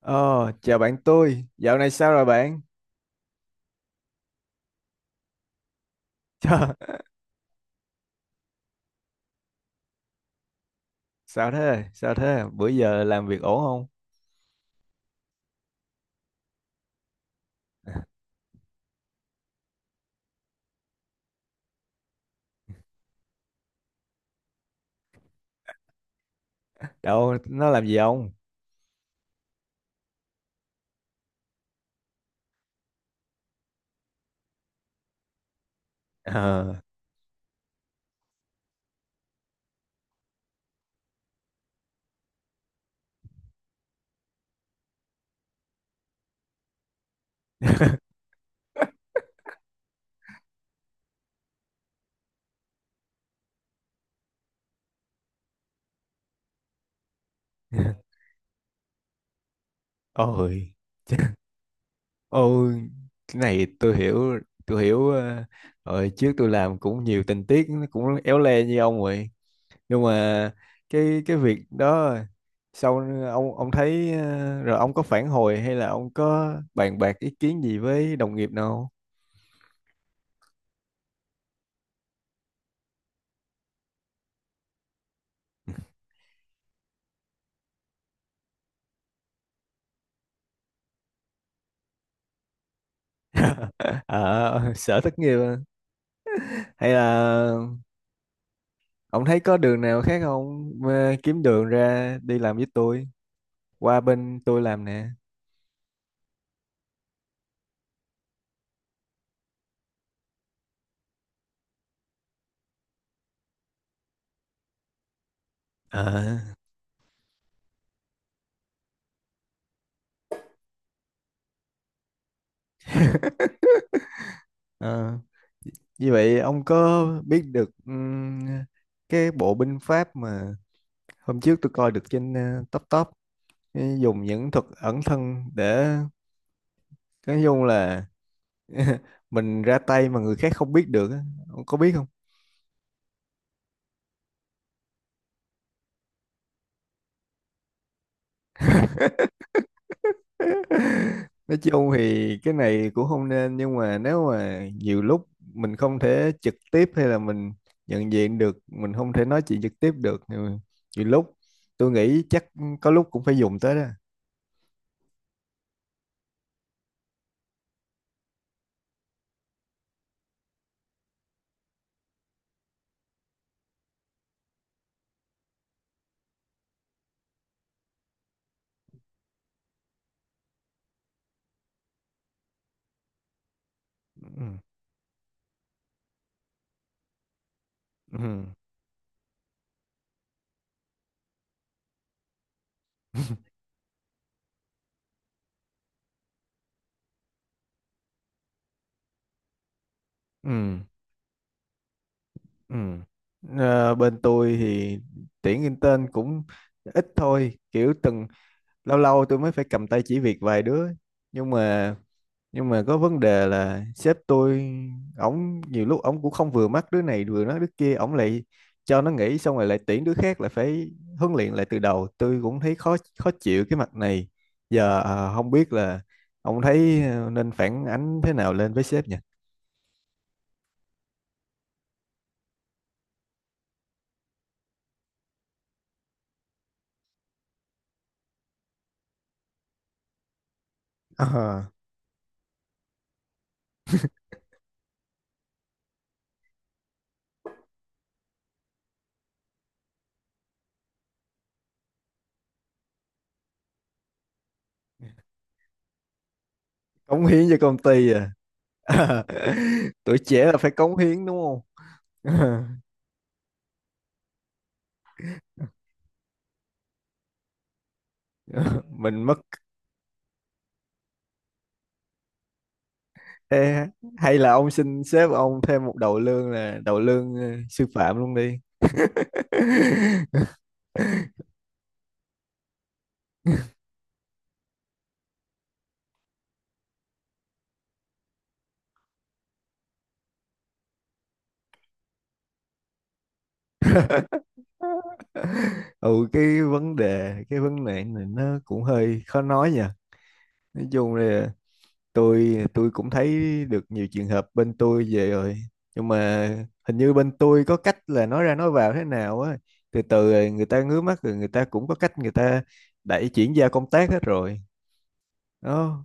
Ờ, chào bạn tôi. Dạo này sao rồi bạn? Chà, sao thế? Sao thế? Bữa giờ làm việc ổn không? Đâu, nó làm gì không? Ờ. Ôi, ôi, cái này tôi hiểu. Ờ, Rồi trước tôi làm cũng nhiều tình tiết nó cũng éo le như ông vậy. Nhưng mà cái việc đó sau ông thấy rồi ông có phản hồi hay là ông có bàn bạc ý kiến gì với đồng nghiệp nào? À, sở thất nghiệp. Hay là ông thấy có đường nào khác không? Ờ, Kiếm đường ra đi làm với tôi, qua bên tôi làm nè. Ờ. Ờ, như vậy ông có biết được cái bộ binh pháp mà hôm trước tôi coi được trên top top, dùng những thuật ẩn thân để nói chung là mình ra tay mà người khác không biết được á. Ông có biết không? Nói chung thì cái này cũng không nên, nhưng mà nếu mà nhiều lúc mình không thể trực tiếp hay là mình nhận diện được mình không thể nói chuyện trực tiếp được thì nhiều lúc tôi nghĩ chắc có lúc cũng phải dùng tới đó. Ừ. Ừ. Ừ. Ừ. Ờ, bên tôi thì tuyển intern cũng ít thôi, kiểu từng lâu lâu tôi mới phải cầm tay chỉ việc vài đứa, nhưng mà nhưng mà có vấn đề là sếp tôi, ổng nhiều lúc ổng cũng không vừa mắt đứa này vừa nói đứa kia, ổng lại cho nó nghỉ xong rồi lại tuyển đứa khác, lại phải huấn luyện lại từ đầu, tôi cũng thấy khó khó chịu cái mặt này giờ. Không biết là ông thấy nên phản ánh thế nào lên với sếp nhỉ? À, cống hiến cho công ty à, tuổi trẻ là phải cống hiến đúng không? Mình mất. Ê, hay là ông xin sếp ông thêm một đầu lương, là đầu lương sư phạm luôn đi. Ừ, cái vấn đề này nó cũng hơi khó nói nha. Nói chung là tôi cũng thấy được nhiều trường hợp bên tôi về rồi, nhưng mà hình như bên tôi có cách là nói ra nói vào thế nào á, từ từ rồi người ta ngứa mắt rồi, người ta cũng có cách, người ta đẩy chuyển giao công tác hết rồi đó.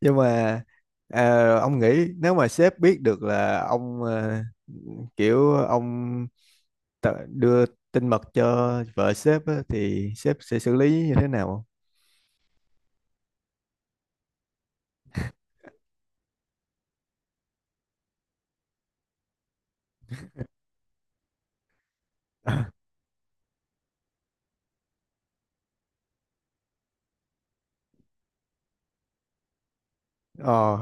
Nhưng mà, à, ông nghĩ nếu mà sếp biết được là ông, kiểu ông tự đưa tin mật cho vợ sếp á, thì sếp sẽ xử lý như thế nào? Không? Ờ,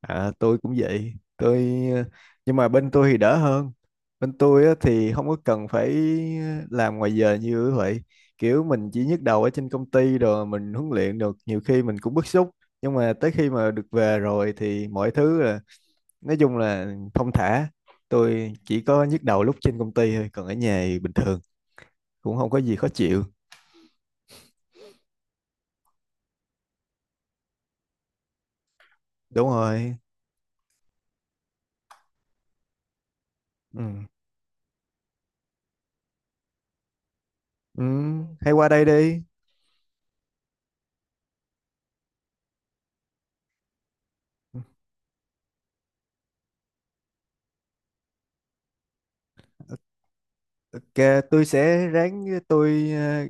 à, tôi cũng vậy. Tôi, ờ, nhưng mà bên tôi thì đỡ hơn. Bên tôi á, thì không có cần phải làm ngoài giờ như vậy. Kiểu mình chỉ nhức đầu ở trên công ty rồi mình huấn luyện được nhiều khi mình cũng bức xúc. Nhưng mà tới khi mà được về rồi thì mọi thứ là nói chung là thong thả. Tôi chỉ có nhức đầu lúc trên công ty thôi, còn ở nhà thì bình thường cũng không có gì khó chịu. Đúng rồi. Ừ. Ừ. Hay qua đây đi. Ừ. Ok, tôi sẽ ráng tôi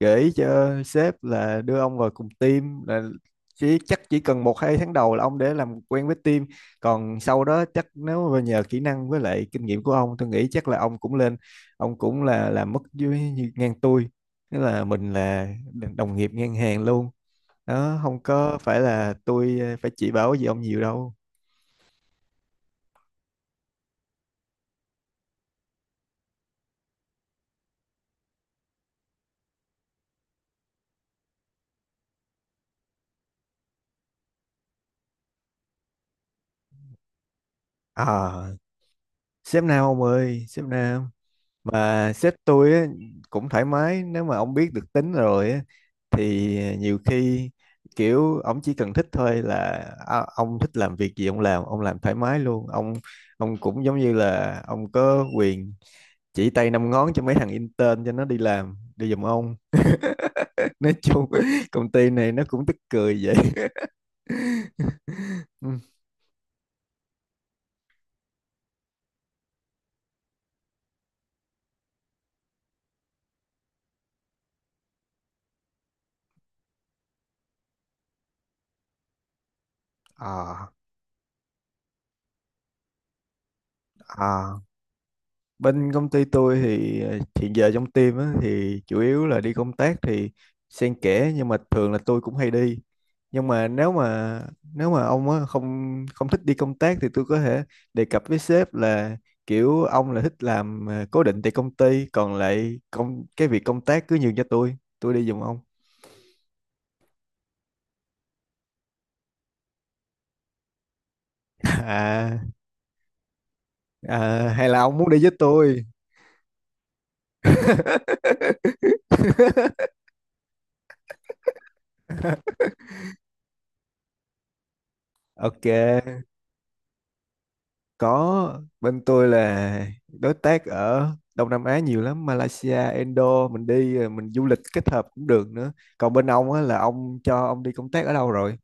gợi ý cho sếp là đưa ông vào cùng team, là chắc chỉ cần một hai tháng đầu là ông để làm quen với team, còn sau đó chắc nếu mà nhờ kỹ năng với lại kinh nghiệm của ông, tôi nghĩ chắc là ông cũng lên, ông cũng là làm mức dưới ngang tôi, nghĩa là mình là đồng nghiệp ngang hàng luôn đó, không có phải là tôi phải chỉ bảo gì ông nhiều đâu. À, sếp Nam ông ơi, sếp Nam. Mà sếp tôi á, cũng thoải mái, nếu mà ông biết được tính rồi á, thì nhiều khi kiểu ông chỉ cần thích thôi là, à, ông thích làm việc gì ông làm, ông làm thoải mái luôn, ông cũng giống như là ông có quyền chỉ tay năm ngón cho mấy thằng intern cho nó đi làm đi giùm ông. Nói chung công ty này nó cũng tức cười vậy. Ừ. à, à. Bên công ty tôi thì hiện giờ trong team á, thì chủ yếu là đi công tác thì xen kẽ, nhưng mà thường là tôi cũng hay đi. Nhưng mà nếu mà ông á, không không thích đi công tác thì tôi có thể đề cập với sếp là kiểu ông là thích làm cố định tại công ty, còn lại công cái việc công tác cứ nhường cho tôi đi giùm ông. À, à, hay là ông muốn đi với tôi? Ok. Có, bên tôi là đối tác ở Đông Nam Á nhiều lắm, Malaysia, Indo, mình đi rồi mình du lịch kết hợp cũng được nữa. Còn bên ông á là ông cho ông đi công tác ở đâu rồi?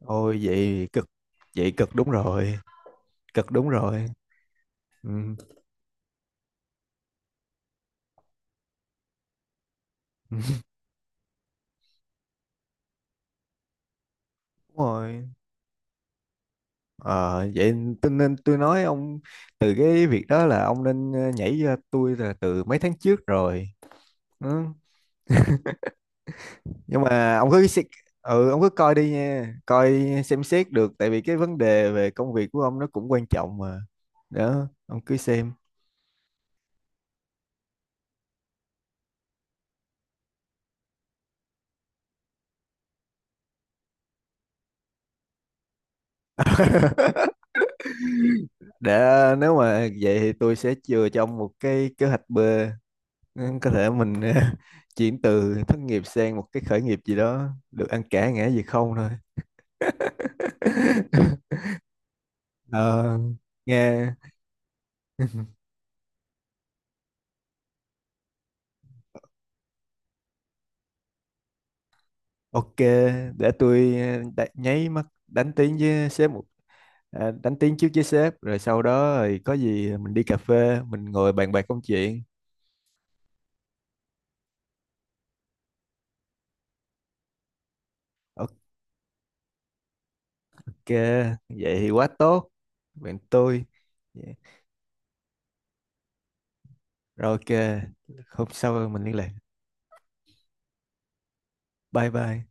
Ôi vậy cực đúng rồi, cực đúng rồi. Ừ. Đúng rồi. Ờ, vậy tôi nên tôi nói ông, từ cái việc đó là ông nên nhảy ra tôi là từ mấy tháng trước rồi. Ừ. Nhưng mà ừ ông cứ coi đi nha, coi xem xét được, tại vì cái vấn đề về công việc của ông nó cũng quan trọng mà, đó ông cứ xem. Để, nếu mà vậy thì tôi sẽ chừa cho ông một cái kế hoạch B. Ừ, có thể mình chuyển từ thất nghiệp sang một cái khởi nghiệp gì đó, được ăn cả ngã về không thôi. Ờ, nghe. Ok, để tôi nháy mắt đánh tiếng với sếp một, à, đánh tiếng trước với sếp rồi sau đó rồi có gì mình đi cà phê mình ngồi bàn bạc công chuyện. Ok, vậy thì quá tốt bạn tôi. Dạ. Rồi ok, hôm sau mình liên lạc. Bye bye.